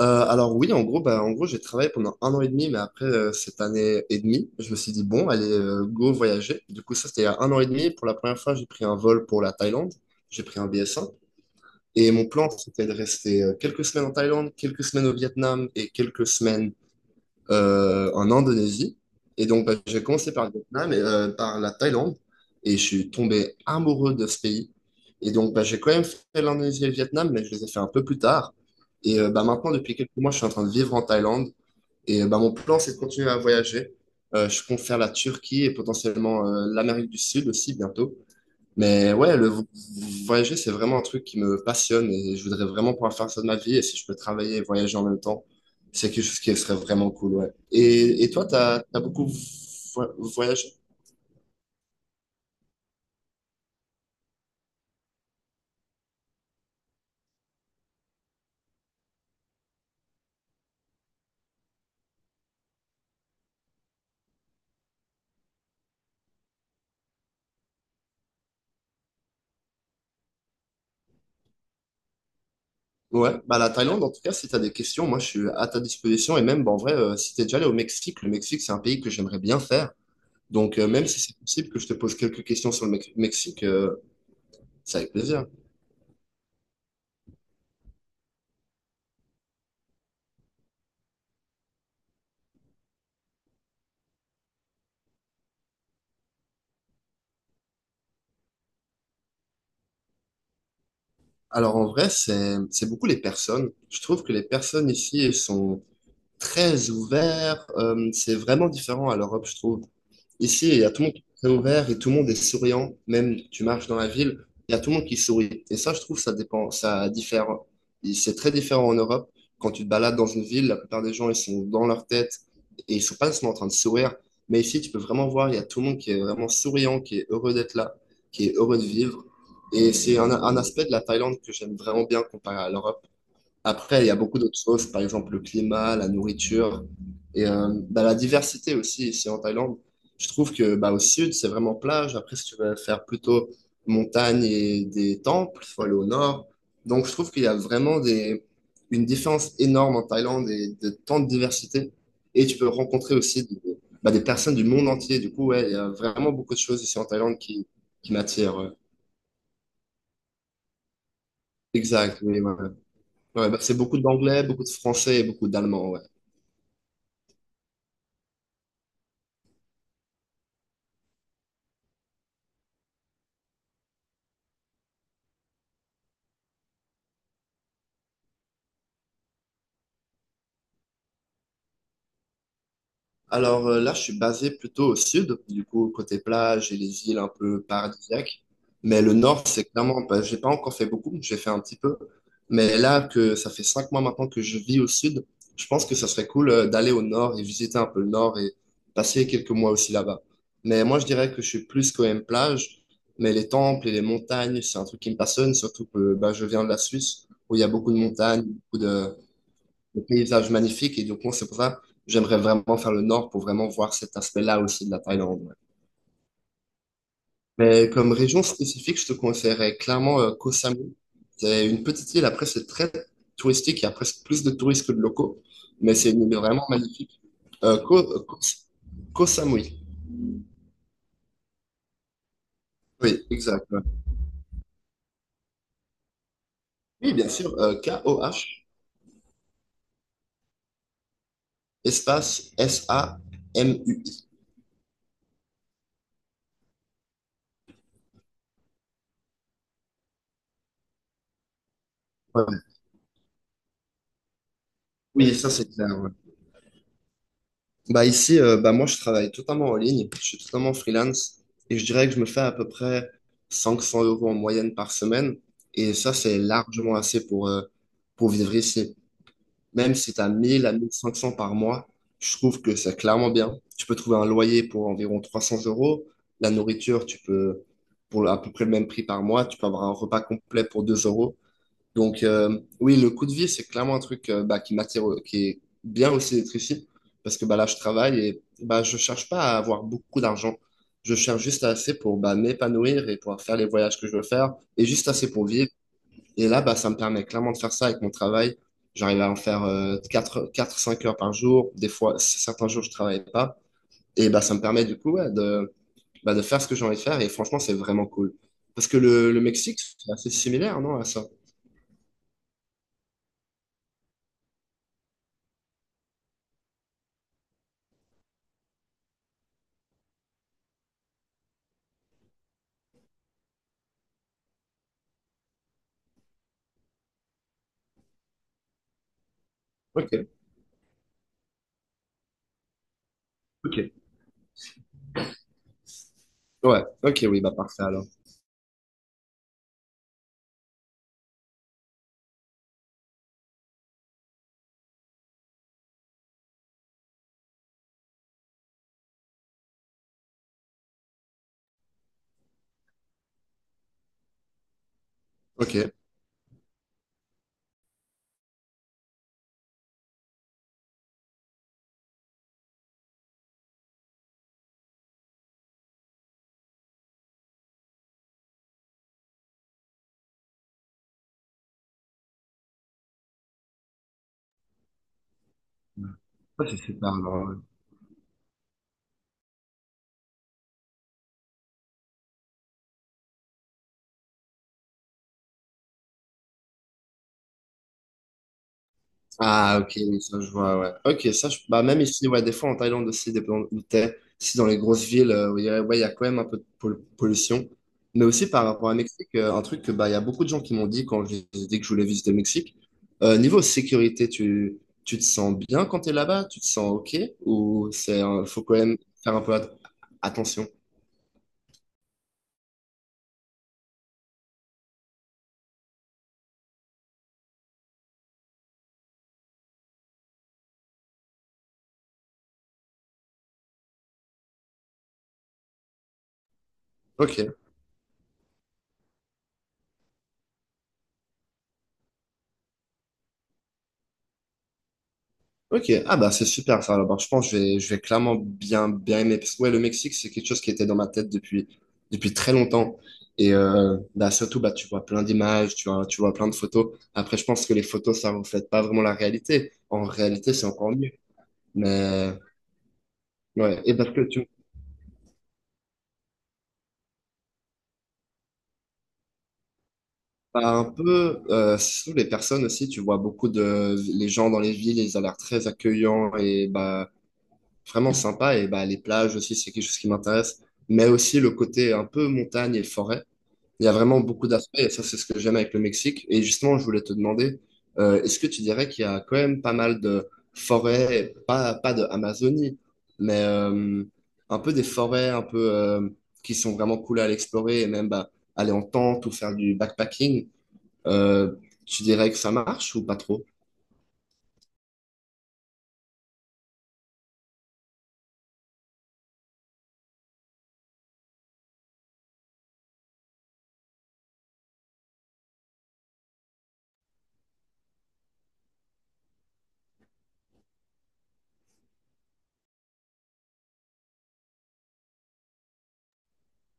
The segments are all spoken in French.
Alors oui, en gros, bah, en gros, j'ai travaillé pendant un an et demi, mais après cette année et demie, je me suis dit, bon, allez, go voyager. Du coup, ça, c'était il y a un an et demi. Pour la première fois, j'ai pris un vol pour la Thaïlande. J'ai pris un BS1. Et mon plan, c'était de rester quelques semaines en Thaïlande, quelques semaines au Vietnam et quelques semaines en Indonésie. Et donc, bah, j'ai commencé par le Vietnam et par la Thaïlande. Et je suis tombé amoureux de ce pays. Et donc, bah, j'ai quand même fait l'Indonésie et le Vietnam, mais je les ai fait un peu plus tard. Et bah, maintenant, depuis quelques mois, je suis en train de vivre en Thaïlande. Et bah, mon plan, c'est de continuer à voyager. Je compte faire la Turquie et potentiellement l'Amérique du Sud aussi bientôt. Mais ouais, le voyager, c'est vraiment un truc qui me passionne et je voudrais vraiment pouvoir faire ça de ma vie. Et si je peux travailler et voyager en même temps, c'est quelque chose qui serait vraiment cool, ouais. Et toi, t'as beaucoup voyagé? Ouais, bah la Thaïlande, en tout cas, si t'as des questions, moi, je suis à ta disposition. Et même, bah, en vrai, si t'es déjà allé au Mexique, le Mexique, c'est un pays que j'aimerais bien faire. Donc, même si c'est possible que je te pose quelques questions sur le Mexique, c'est avec plaisir. Alors, en vrai, c'est beaucoup les personnes. Je trouve que les personnes ici, elles sont très ouvert. C'est vraiment différent à l'Europe, je trouve. Ici, il y a tout le monde qui est très ouvert et tout le monde est souriant. Même tu marches dans la ville, il y a tout le monde qui sourit. Et ça, je trouve, ça dépend, ça diffère. Et c'est très différent en Europe. Quand tu te balades dans une ville, la plupart des gens, ils sont dans leur tête et ils sont pas seulement en train de sourire. Mais ici, tu peux vraiment voir, il y a tout le monde qui est vraiment souriant, qui est heureux d'être là, qui est heureux de vivre. Et c'est un aspect de la Thaïlande que j'aime vraiment bien comparé à l'Europe. Après, il y a beaucoup d'autres choses, par exemple le climat, la nourriture et bah, la diversité aussi ici en Thaïlande. Je trouve que bah, au sud, c'est vraiment plage. Après, si tu veux faire plutôt montagne et des temples, il faut aller au nord. Donc, je trouve qu'il y a vraiment une différence énorme en Thaïlande et de tant de diversité. Et tu peux rencontrer aussi bah, des personnes du monde entier. Du coup, ouais, il y a vraiment beaucoup de choses ici en Thaïlande qui m'attirent. Ouais. Exact. Oui, ouais. Ouais, bah, c'est beaucoup d'anglais, beaucoup de français et beaucoup d'allemand. Ouais. Alors là, je suis basé plutôt au sud, du coup, côté plage et les îles un peu paradisiaques. Mais le nord, c'est clairement, bah, j'ai pas encore fait beaucoup, j'ai fait un petit peu. Mais là, que ça fait 5 mois maintenant que je vis au sud, je pense que ça serait cool d'aller au nord et visiter un peu le nord et passer quelques mois aussi là-bas. Mais moi, je dirais que je suis plus quand même plage, mais les temples et les montagnes, c'est un truc qui me passionne, surtout que bah, je viens de la Suisse, où il y a beaucoup de montagnes, beaucoup de, le paysage magnifique. Et donc moi c'est pour ça que j'aimerais vraiment faire le nord pour vraiment voir cet aspect-là aussi de la Thaïlande. Ouais. Mais comme région spécifique, je te conseillerais clairement Koh Samui. C'est une petite île. Après, c'est très touristique. Il y a presque plus de touristes que de locaux. Mais c'est une île vraiment magnifique. Euh, Koh, euh, Koh- Koh Samui. Oui, exact. Ouais. Oui, bien sûr. Koh, espace Samu. Ouais. Oui, ça, c'est clair. Ouais. Bah ici, bah moi, je travaille totalement en ligne, je suis totalement freelance et je dirais que je me fais à peu près 500 € en moyenne par semaine et ça, c'est largement assez pour vivre ici. Même si tu as 1 000 à 1 500 par mois, je trouve que c'est clairement bien. Tu peux trouver un loyer pour environ 300 euros, la nourriture, tu peux, pour à peu près le même prix par mois, tu peux avoir un repas complet pour 2 euros. Donc, oui, le coup de vie, c'est clairement un truc bah, qui m'attire, qui est bien aussi d'être ici, parce que bah, là, je travaille et bah, je cherche pas à avoir beaucoup d'argent. Je cherche juste assez pour bah, m'épanouir et pouvoir faire les voyages que je veux faire, et juste assez pour vivre. Et là, bah, ça me permet clairement de faire ça avec mon travail. J'arrive à en faire 4, 4, 5 heures par jour. Des fois, certains jours, je travaille pas. Et bah, ça me permet du coup ouais, bah, de faire ce que j'ai envie de faire. Et franchement, c'est vraiment cool. Parce que le Mexique, c'est assez similaire, non, à ça? Ok, Ok. Ouais, ok, oui, bah parfait alors. Ok. Ça, c'est super alors, ouais. Ah, ok, oui, ça je vois, ouais. Ok, bah même ici, ouais, des fois en Thaïlande aussi, si dans les grosses villes, où il y a- ouais, il y a quand même un peu de pollution. Mais aussi par rapport à Mexique, un truc que bah, il y a beaucoup de gens qui m'ont dit quand je les ai dit que je voulais visiter le Mexique. Niveau sécurité, tu te sens bien quand t'es là-bas? Tu te sens ok? Ou faut quand même faire un peu attention? Ok. Ok, ah bah c'est super ça. Alors, je pense que je vais clairement bien, bien aimer. Parce que ouais, le Mexique, c'est quelque chose qui était dans ma tête depuis très longtemps. Et bah, surtout, bah, tu vois plein d'images, tu vois plein de photos. Après, je pense que les photos, ça ne reflète pas vraiment la réalité. En réalité, c'est encore mieux. Mais ouais, et parce que tu as un peu, sous les personnes aussi, tu vois beaucoup de les gens dans les villes, ils ont l'air très accueillants et bah, vraiment sympa. Et bah, les plages aussi, c'est quelque chose qui m'intéresse. Mais aussi le côté un peu montagne et forêt. Il y a vraiment beaucoup d'aspects, et ça, c'est ce que j'aime avec le Mexique. Et justement, je voulais te demander, est-ce que tu dirais qu'il y a quand même pas mal de forêts, pas de Amazonie, mais un peu des forêts un peu qui sont vraiment cool à aller explorer et même bah, aller en tente ou faire du backpacking, euh, tu dirais que ça marche ou pas trop?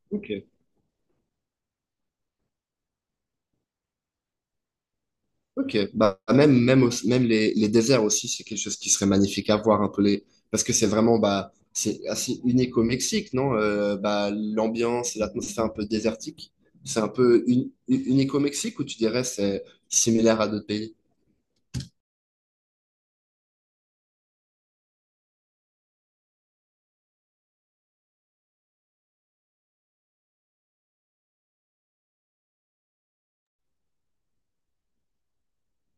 Ok. Ok, bah même les déserts aussi, c'est quelque chose qui serait magnifique à voir un peu les parce que c'est vraiment bah c'est assez unique au Mexique, non? Bah l'ambiance, l'atmosphère un peu désertique, c'est un peu unique au Mexique ou tu dirais c'est similaire à d'autres pays?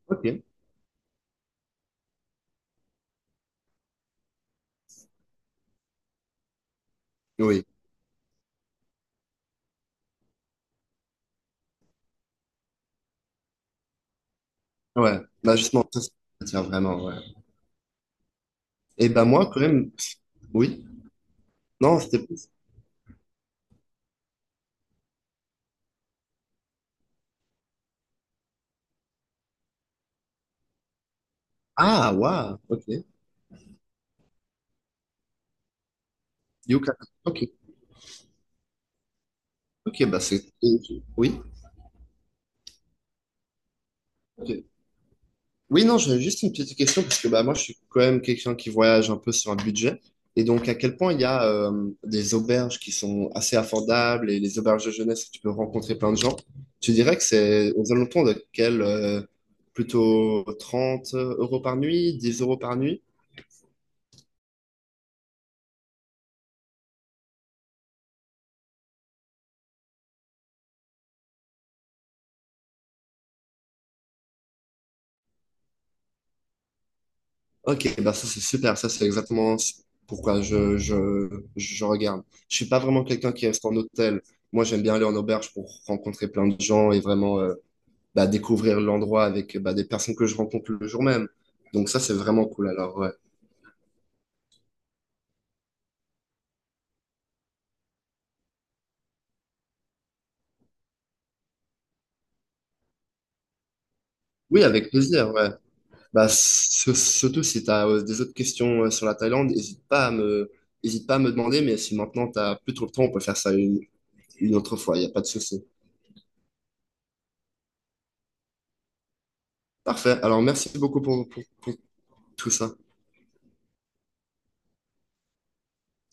Ok, oui, ouais, bah justement ça ça m'attire vraiment, ouais. Et bah moi quand même, oui, non c'était plus ah waouh, ok, Yucatan, ok, ok bah c'est oui, ok. Oui, non, j'avais juste une petite question parce que bah, moi, je suis quand même quelqu'un qui voyage un peu sur un budget. Et donc, à quel point il y a des auberges qui sont assez affordables et les auberges de jeunesse où tu peux rencontrer plein de gens, tu dirais que c'est aux alentours de quel plutôt 30 € par nuit, 10 € par nuit? Ok, bah ça c'est super, ça c'est exactement pourquoi je regarde. Je suis pas vraiment quelqu'un qui reste en hôtel. Moi, j'aime bien aller en auberge pour rencontrer plein de gens et vraiment bah, découvrir l'endroit avec bah, des personnes que je rencontre le jour même. Donc ça, c'est vraiment cool alors, ouais. Oui, avec plaisir, ouais. Bah, surtout si tu as des autres questions sur la Thaïlande, n'hésite pas à me, hésite pas à me demander, mais si maintenant tu n'as plus trop le temps, on peut faire ça une autre fois, il n'y a pas de souci. Parfait, alors merci beaucoup pour tout ça.